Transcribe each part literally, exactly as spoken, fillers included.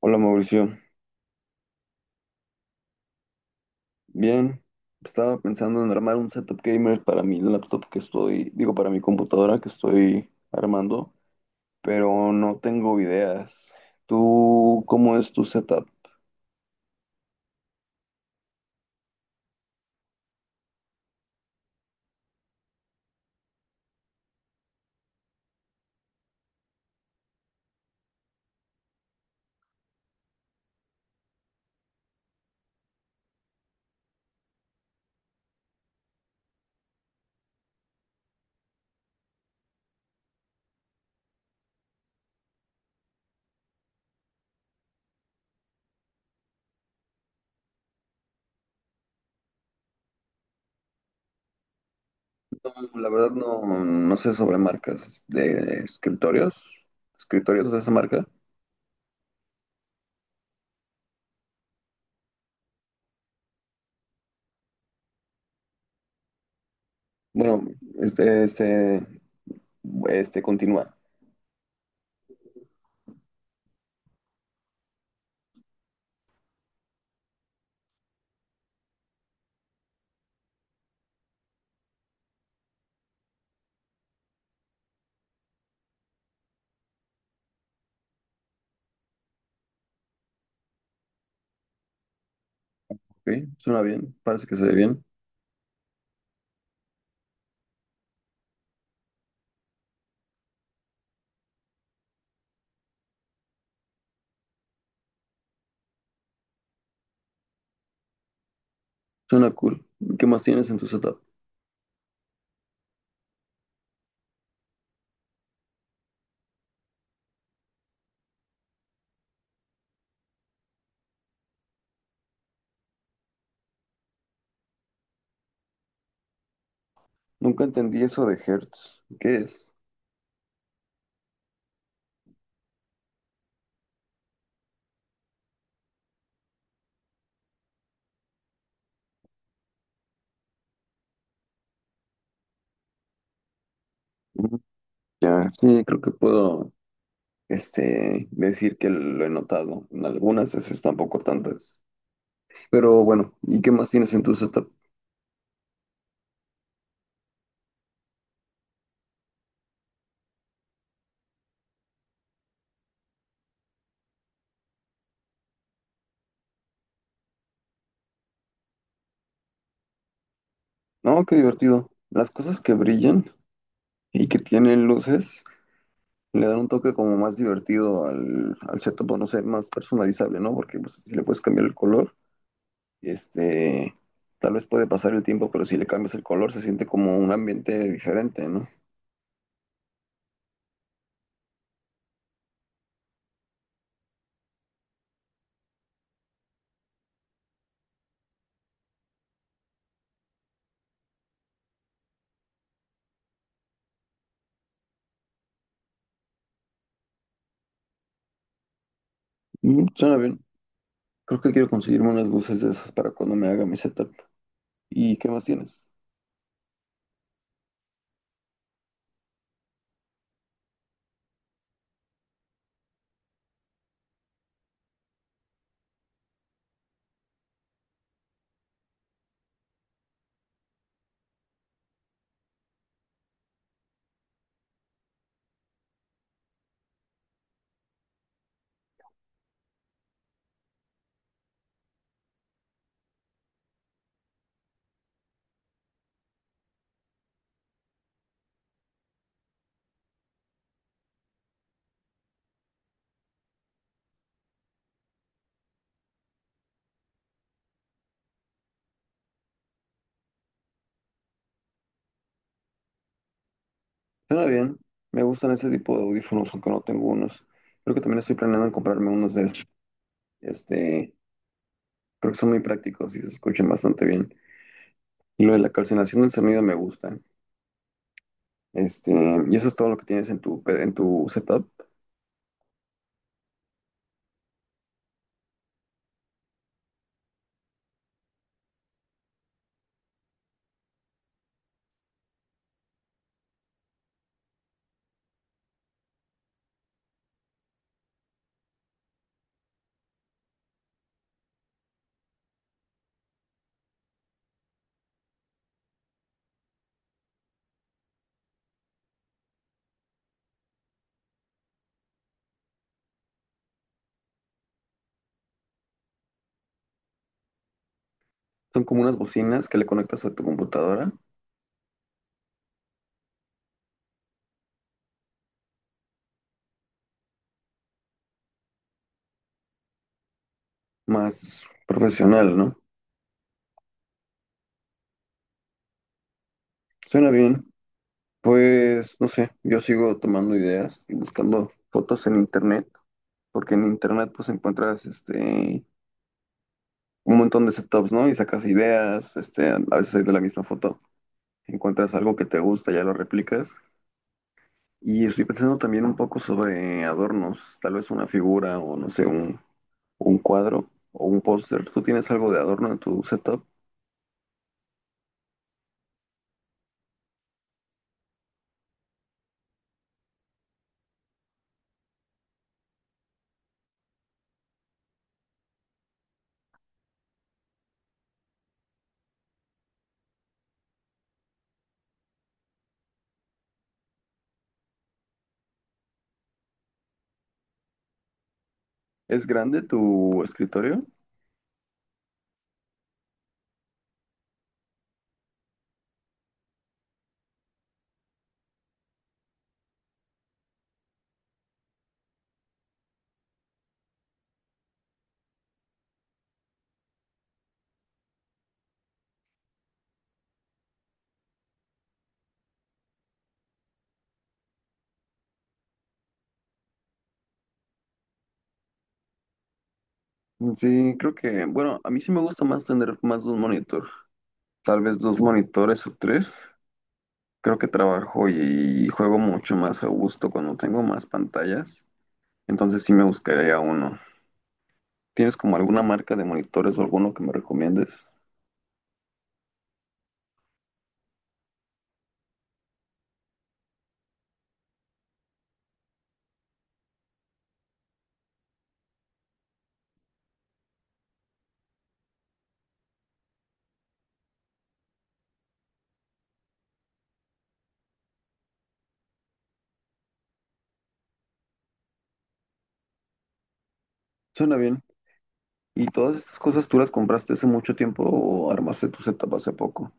Hola Mauricio, bien, estaba pensando en armar un setup gamer para mi laptop que estoy, digo, para mi computadora que estoy armando, pero no tengo ideas. ¿Tú cómo es tu setup? No, la verdad no, no sé sobre marcas de escritorios, escritorios de esa marca. Bueno, este, este, este continúa, ¿ok? Suena bien, parece que se ve bien, suena cool. ¿Qué más tienes en tu setup? Nunca entendí eso de Hertz, ¿qué es? Ya, sí, creo que puedo, este, decir que lo he notado en algunas veces, tampoco tantas. Pero bueno, ¿y qué más tienes en tu setup? No, qué divertido. Las cosas que brillan y que tienen luces le dan un toque como más divertido al, al setup, o no sé, más personalizable, ¿no? Porque pues, si le puedes cambiar el color, este, tal vez puede pasar el tiempo, pero si le cambias el color se siente como un ambiente diferente, ¿no? Mm, suena bien. Creo que quiero conseguirme unas luces de esas para cuando me haga mi setup. ¿Y qué más tienes? Suena bien. Me gustan ese tipo de audífonos, aunque no tengo unos. Creo que también estoy planeando en comprarme unos de esos. Este, Creo que son muy prácticos y se escuchan bastante bien. Y lo de la calcinación del sonido me gusta. Este, y eso es todo lo que tienes en tu, pe- en tu setup. Son como unas bocinas que le conectas a tu computadora, más profesional, ¿no? Suena bien. Pues, no sé, yo sigo tomando ideas y buscando fotos en internet, porque en internet pues encuentras este un montón de setups, ¿no? Y sacas ideas, este, a veces hay de la misma foto, encuentras algo que te gusta, ya lo replicas. Y estoy pensando también un poco sobre adornos, tal vez una figura o no sé, un, un cuadro o un póster. ¿Tú tienes algo de adorno en tu setup? ¿Es grande tu escritorio? Mm, sí, creo que, bueno, a mí sí me gusta más tener más de un monitor, tal vez dos monitores o tres. Creo que trabajo y juego mucho más a gusto cuando tengo más pantallas, entonces sí me buscaría uno. ¿Tienes como alguna marca de monitores o alguno que me recomiendes? Suena bien. ¿Y todas estas cosas tú las compraste hace mucho tiempo o armaste tu setup hace poco?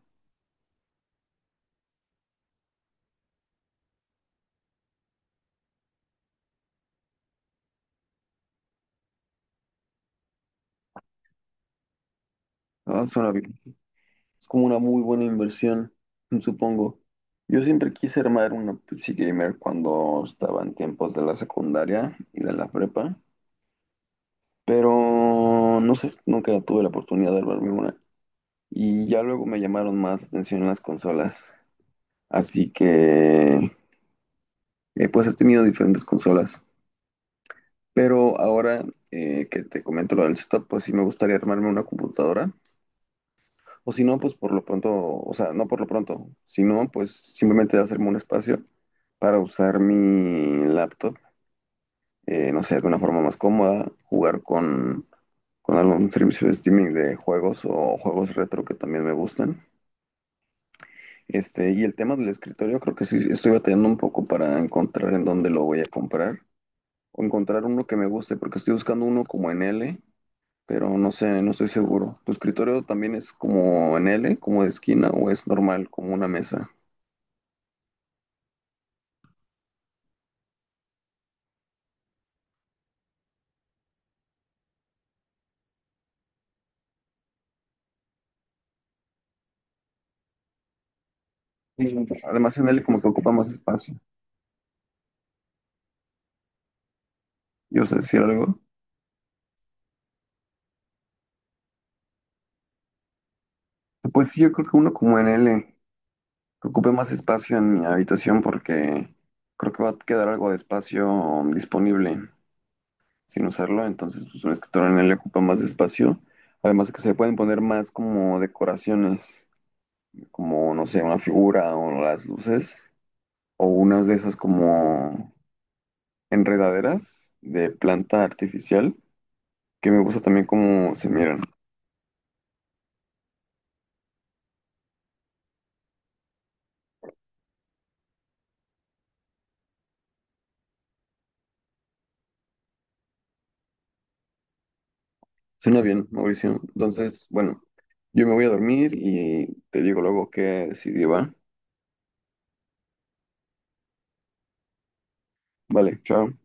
Ah, suena bien. Es como una muy buena inversión, supongo. Yo siempre quise armar una P C gamer cuando estaba en tiempos de la secundaria y de la prepa, pero no sé, nunca tuve la oportunidad de armarme una. Y ya luego me llamaron más atención las consolas. Así que, eh, pues he tenido diferentes consolas. Pero ahora eh, que te comento lo del setup, pues sí me gustaría armarme una computadora. O si no, pues por lo pronto, o sea, no por lo pronto, si no, pues simplemente hacerme un espacio para usar mi laptop, eh, no sé, de una forma más cómoda, jugar con, con algún servicio de streaming de juegos o juegos retro que también me gustan. Este, y el tema del escritorio, creo que sí sí, estoy batallando un poco para encontrar en dónde lo voy a comprar o encontrar uno que me guste, porque estoy buscando uno como en L, pero no sé, no estoy seguro. ¿Tu escritorio también es como en L, como de esquina, o es normal, como una mesa? Mm, además, en L como que ocupa más espacio. Yo sé decir algo. Pues sí, yo creo que uno como en L, que ocupe más espacio en mi habitación porque creo que va a quedar algo de espacio disponible sin usarlo. Entonces, pues un escritorio en L ocupa más espacio. Además de que se le pueden poner más como decoraciones, como, no sé, una figura o las luces, o unas de esas como enredaderas de planta artificial que me gusta también cómo se miran. Suena bien, Mauricio. Entonces, bueno, yo me voy a dormir y te digo luego qué decidí, ¿va? Vale, chao.